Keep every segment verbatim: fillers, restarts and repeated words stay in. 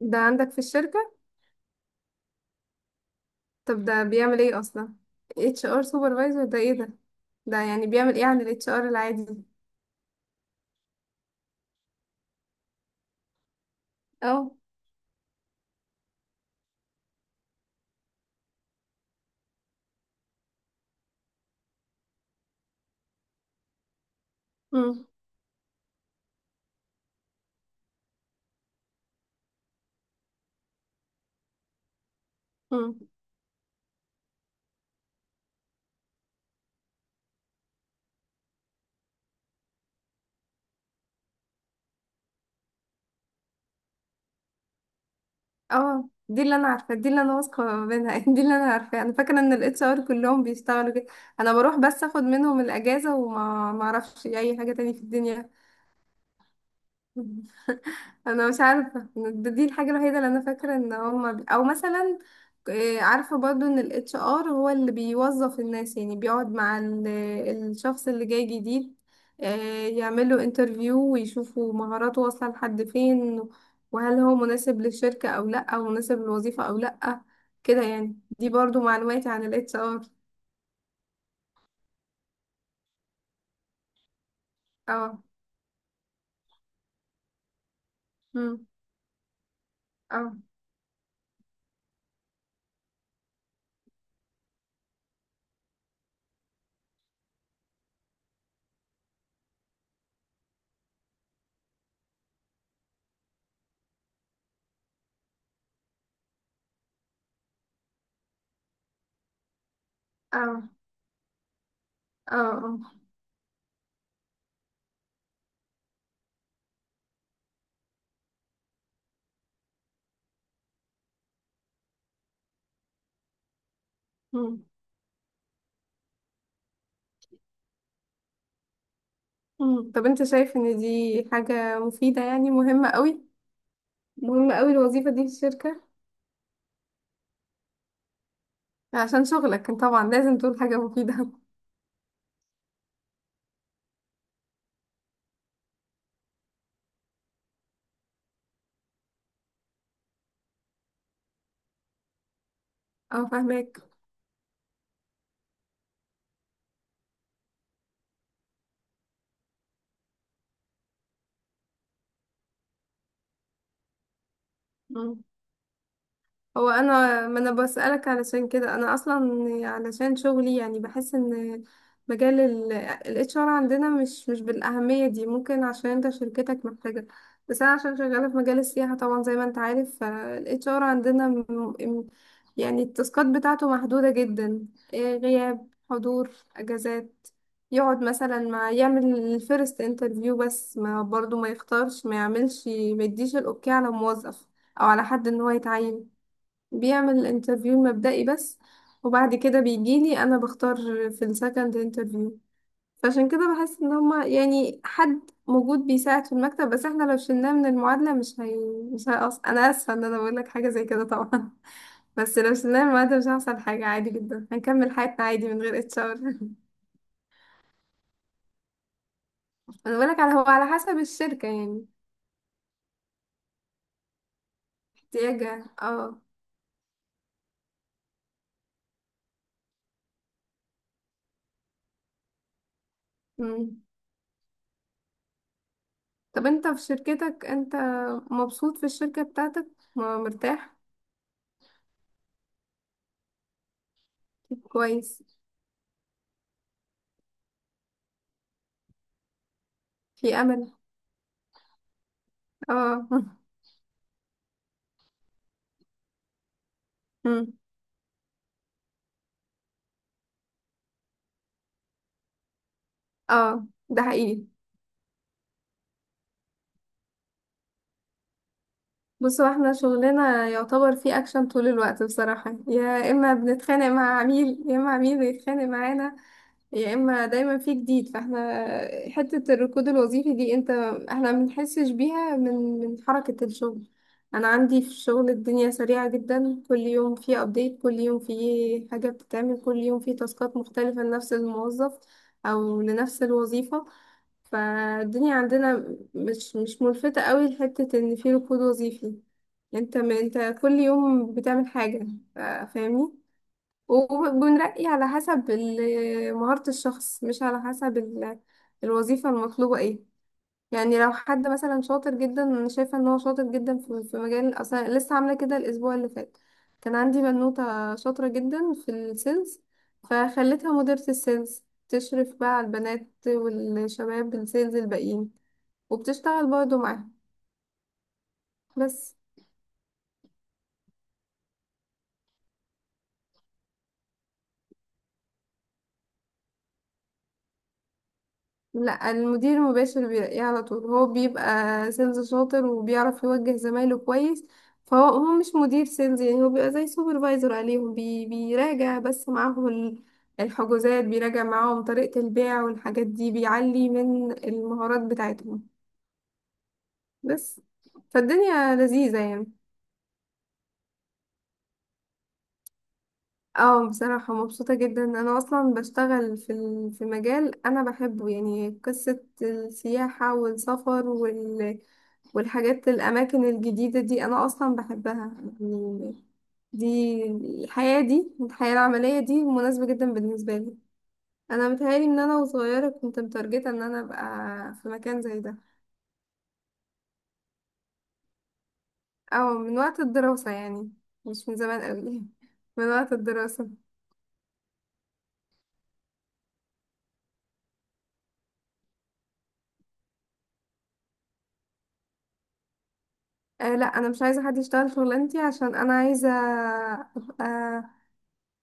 ده عندك في الشركة؟ طب ده بيعمل ايه اصلا؟ اتش ار سوبرفايزر ده ايه ده؟ ده يعني بيعمل ايه عن الاتش ار العادي؟ اه. امم. امم. اه، دي اللي انا عارفه، دي اللي انا واثقه منها. دي اللي انا عارفه، انا فاكره ان الاتش ار كلهم بيشتغلوا كده. انا بروح بس اخد منهم الاجازه وما ما اعرفش اي حاجه تاني في الدنيا. انا مش عارفه، ده- دي الحاجه الوحيده اللي انا فاكره ان هما بي... او مثلا آه، عارفه برضو ان الاتش ار هو اللي بيوظف الناس، يعني بيقعد مع ال- الشخص اللي جاي جديد، آه، يعمله انترفيو ويشوفوا مهاراته واصله لحد فين، وهل هو مناسب للشركه او لا، او مناسب للوظيفه او لا. كده يعني، دي برضو معلوماتي عن الاتش ار. اه. مم. اه. اه. اه. اه. مم. مم. طب انت شايف ان دي حاجه مفيده؟ يعني مهمه قوي؟ مهمة قوي الوظيفة دي في الشركة؟ عشان شغلك طبعا لازم تقول حاجة مفيدة. اه، فاهمك. هو انا، ما انا بسألك علشان كده، انا اصلا علشان شغلي يعني بحس ان مجال ال اتش ار عندنا مش مش بالأهمية دي، ممكن عشان انت شركتك محتاجة. بس انا عشان شغالة في مجال السياحة، طبعا زي ما انت عارف، فال اتش ار عندنا م- م- يعني التاسكات بتاعته محدودة جدا. إيه، غياب، حضور، اجازات. يقعد مثلا مع، يعمل الفيرست انترفيو بس، ما برضو ما يختارش ما يعملش ما يديش الاوكي على موظف او على حد ان هو يتعين. بيعمل الانترفيو المبدئي بس، وبعد كده بيجيلي انا بختار في السكند انترفيو. فعشان كده بحس ان هما يعني حد موجود بيساعد في المكتب بس، احنا لو شلناه من المعادلة مش هي، مش هيقص. انا اسفة ان انا بقول لك حاجة زي كده طبعا. بس لو شلناه من المعادلة مش هيحصل حاجة، عادي جدا هنكمل حياتنا عادي من غير اتش ار. انا بقول لك على، هو على حسب الشركة يعني. احتياجها، اه. مم. طب انت في شركتك انت مبسوط في الشركة بتاعتك؟ م- مرتاح؟ كويس. في امل. اه. مم. اه، ده حقيقي. بص، هو احنا شغلنا يعتبر فيه اكشن طول الوقت بصراحة، يا اما بنتخانق مع عميل يا اما عميل بيتخانق معانا، يا اما دايما فيه جديد. فاحنا حتة الركود الوظيفي دي انت، احنا ما بنحسش بيها من، من حركة الشغل. انا عندي في الشغل الدنيا سريعة جدا، كل يوم فيه ابديت، كل يوم فيه حاجة بتتعمل، كل يوم فيه تاسكات مختلفة لنفس الموظف او لنفس الوظيفة. فالدنيا عندنا مش مش ملفتة قوي لحتة ان في ركود وظيفي. انت ما انت كل يوم بتعمل حاجة. ف- فاهمني. وبنرقي على حسب ال- مهارة الشخص، مش على حسب ال- الوظيفة المطلوبة ايه. يعني لو حد مثلا شاطر جدا، انا شايفه ان هو شاطر جدا في في مجال، اصلا لسه عامله كده الاسبوع اللي فات. كان عندي بنوته شاطره جدا في السيلز، فخليتها مديره السيلز، تشرف بقى على البنات والشباب السيلز الباقيين، وبتشتغل برضه معاهم بس. لا، المدير المباشر بيلاقيه على طول. هو بيبقى سيلز شاطر وبيعرف يوجه زمايله كويس. فهو هو مش مدير سيلز، يعني هو بيبقى زي سوبرفايزر عليهم، بي بيراجع بس معاهم ال- الحجوزات، بيراجع معاهم طريقة البيع والحاجات دي، بيعلي من المهارات بتاعتهم بس. فالدنيا لذيذة يعني. اه بصراحة مبسوطة جدا. انا اصلا بشتغل في ال- في مجال انا بحبه، يعني قصة السياحة والسفر والحاجات، الأماكن الجديدة دي أنا أصلا بحبها يعني. دي، الحياة دي، الحياة العملية دي مناسبة جدا بالنسبة لي. أنا متهيألي إن أنا وصغيرة كنت متارجتة إن أنا أبقى في مكان زي ده. أو من وقت الدراسة يعني، مش من زمان قوي. من وقت الدراسة. آه لا، أنا مش عايزة حد يشتغل شغلانتي، عشان أنا عايزة أبقى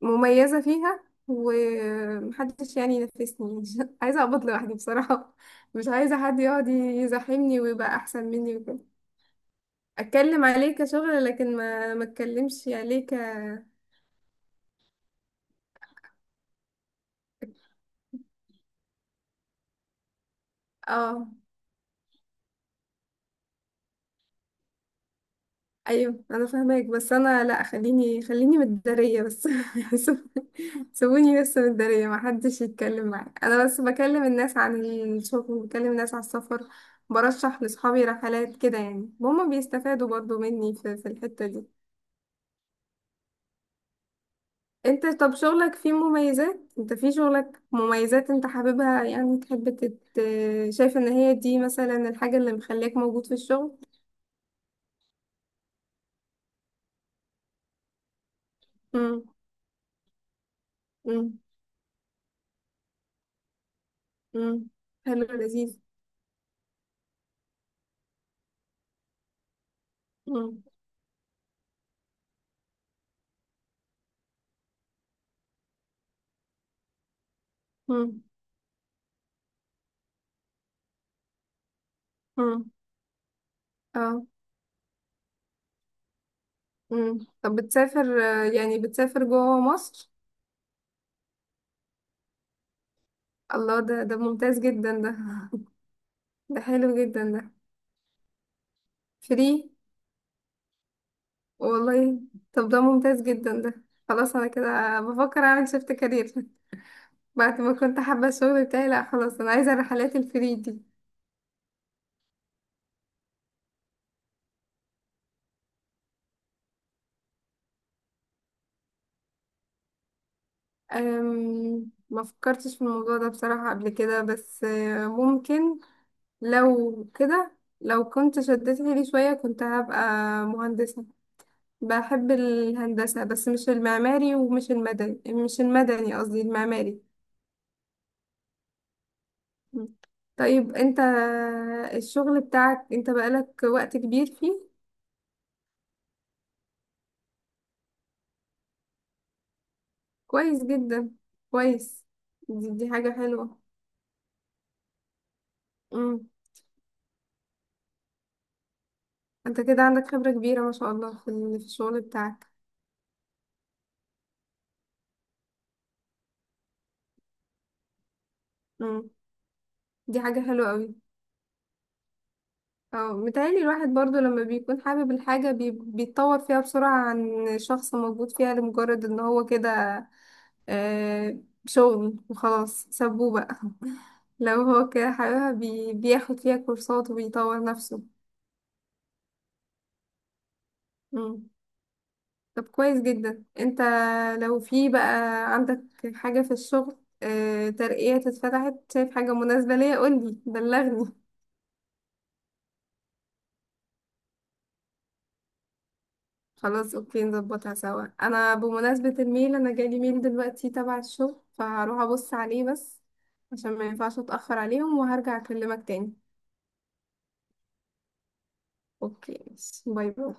مميزة فيها ومحدش يعني ينافسني. عايزة أقبض لوحدي بصراحة، مش عايزة حد يقعد يزاحمني ويبقى أحسن مني وكده. أتكلم عليه كشغل، لكن ما ما أتكلمش عليه ك اه. أيوه أنا فاهماك، بس أنا لأ، خليني خليني متدارية بس. سيبوني بس متدارية، ما حدش يتكلم معايا، أنا بس بكلم الناس عن الشغل، بكلم الناس على السفر، برشح لصحابي رحلات كده، يعني هما بيستفادوا برضو مني في في الحتة دي. انت طب شغلك فيه مميزات؟ انت في شغلك مميزات انت حاببها يعني؟ تحب تت... شايف ان هي دي مثلا الحاجة اللي مخليك موجود في الشغل؟ امم. امم. امم. حلو، لذيذ. امم. امم. امم. اه. امم. طب بتسافر آه، يعني بتسافر جوه مصر؟ الله، ده ده ممتاز جدا ده. ده حلو جدا ده. فري؟ والله. طب ده ممتاز جدا ده. خلاص، انا كده بفكر اعمل شيفت كارير بعد ما كنت حابة الشغل بتاعي. لا خلاص، انا عايزة الرحلات الفري دي. أم... ما فكرتش في الموضوع ده بصراحة قبل كده، بس آه، ممكن. لو كده، لو كنت شدت حيلي شوية كنت هبقى مهندسة. بحب الهندسة، بس مش المعماري، ومش المدني، مش المدني قصدي، المعماري. م. طيب انت الشغل بتاعك انت بقالك وقت كبير فيه؟ كويس جدا، كويس. دي، دي حاجة حلوة. انت كده عندك خبرة كبيرة ما شاء الله في ال- في الشغل بتاعك. مم. دي حاجة حلوة قوي. اه متهيألي الواحد برضو لما بيكون حابب الحاجة بي... بيتطور فيها بسرعة، عن شخص موجود فيها لمجرد ان هو كده، آه، شغل وخلاص، سابوه بقى. لو هو كده حاببها بي... بياخد فيها كورسات وبيطور نفسه. مم. طب كويس جدا. انت لو في بقى عندك حاجة في الشغل، آه، ترقية اتفتحت، شايف حاجة مناسبة ليا، قولي بلغني. خلاص اوكي، نظبطها سوا. انا بمناسبة الميل، انا جالي ميل دلوقتي تبع الشغل، فهروح ابص عليه بس عشان ما ينفعش اتأخر عليهم، وهرجع اكلمك تاني. اوكي، باي. باي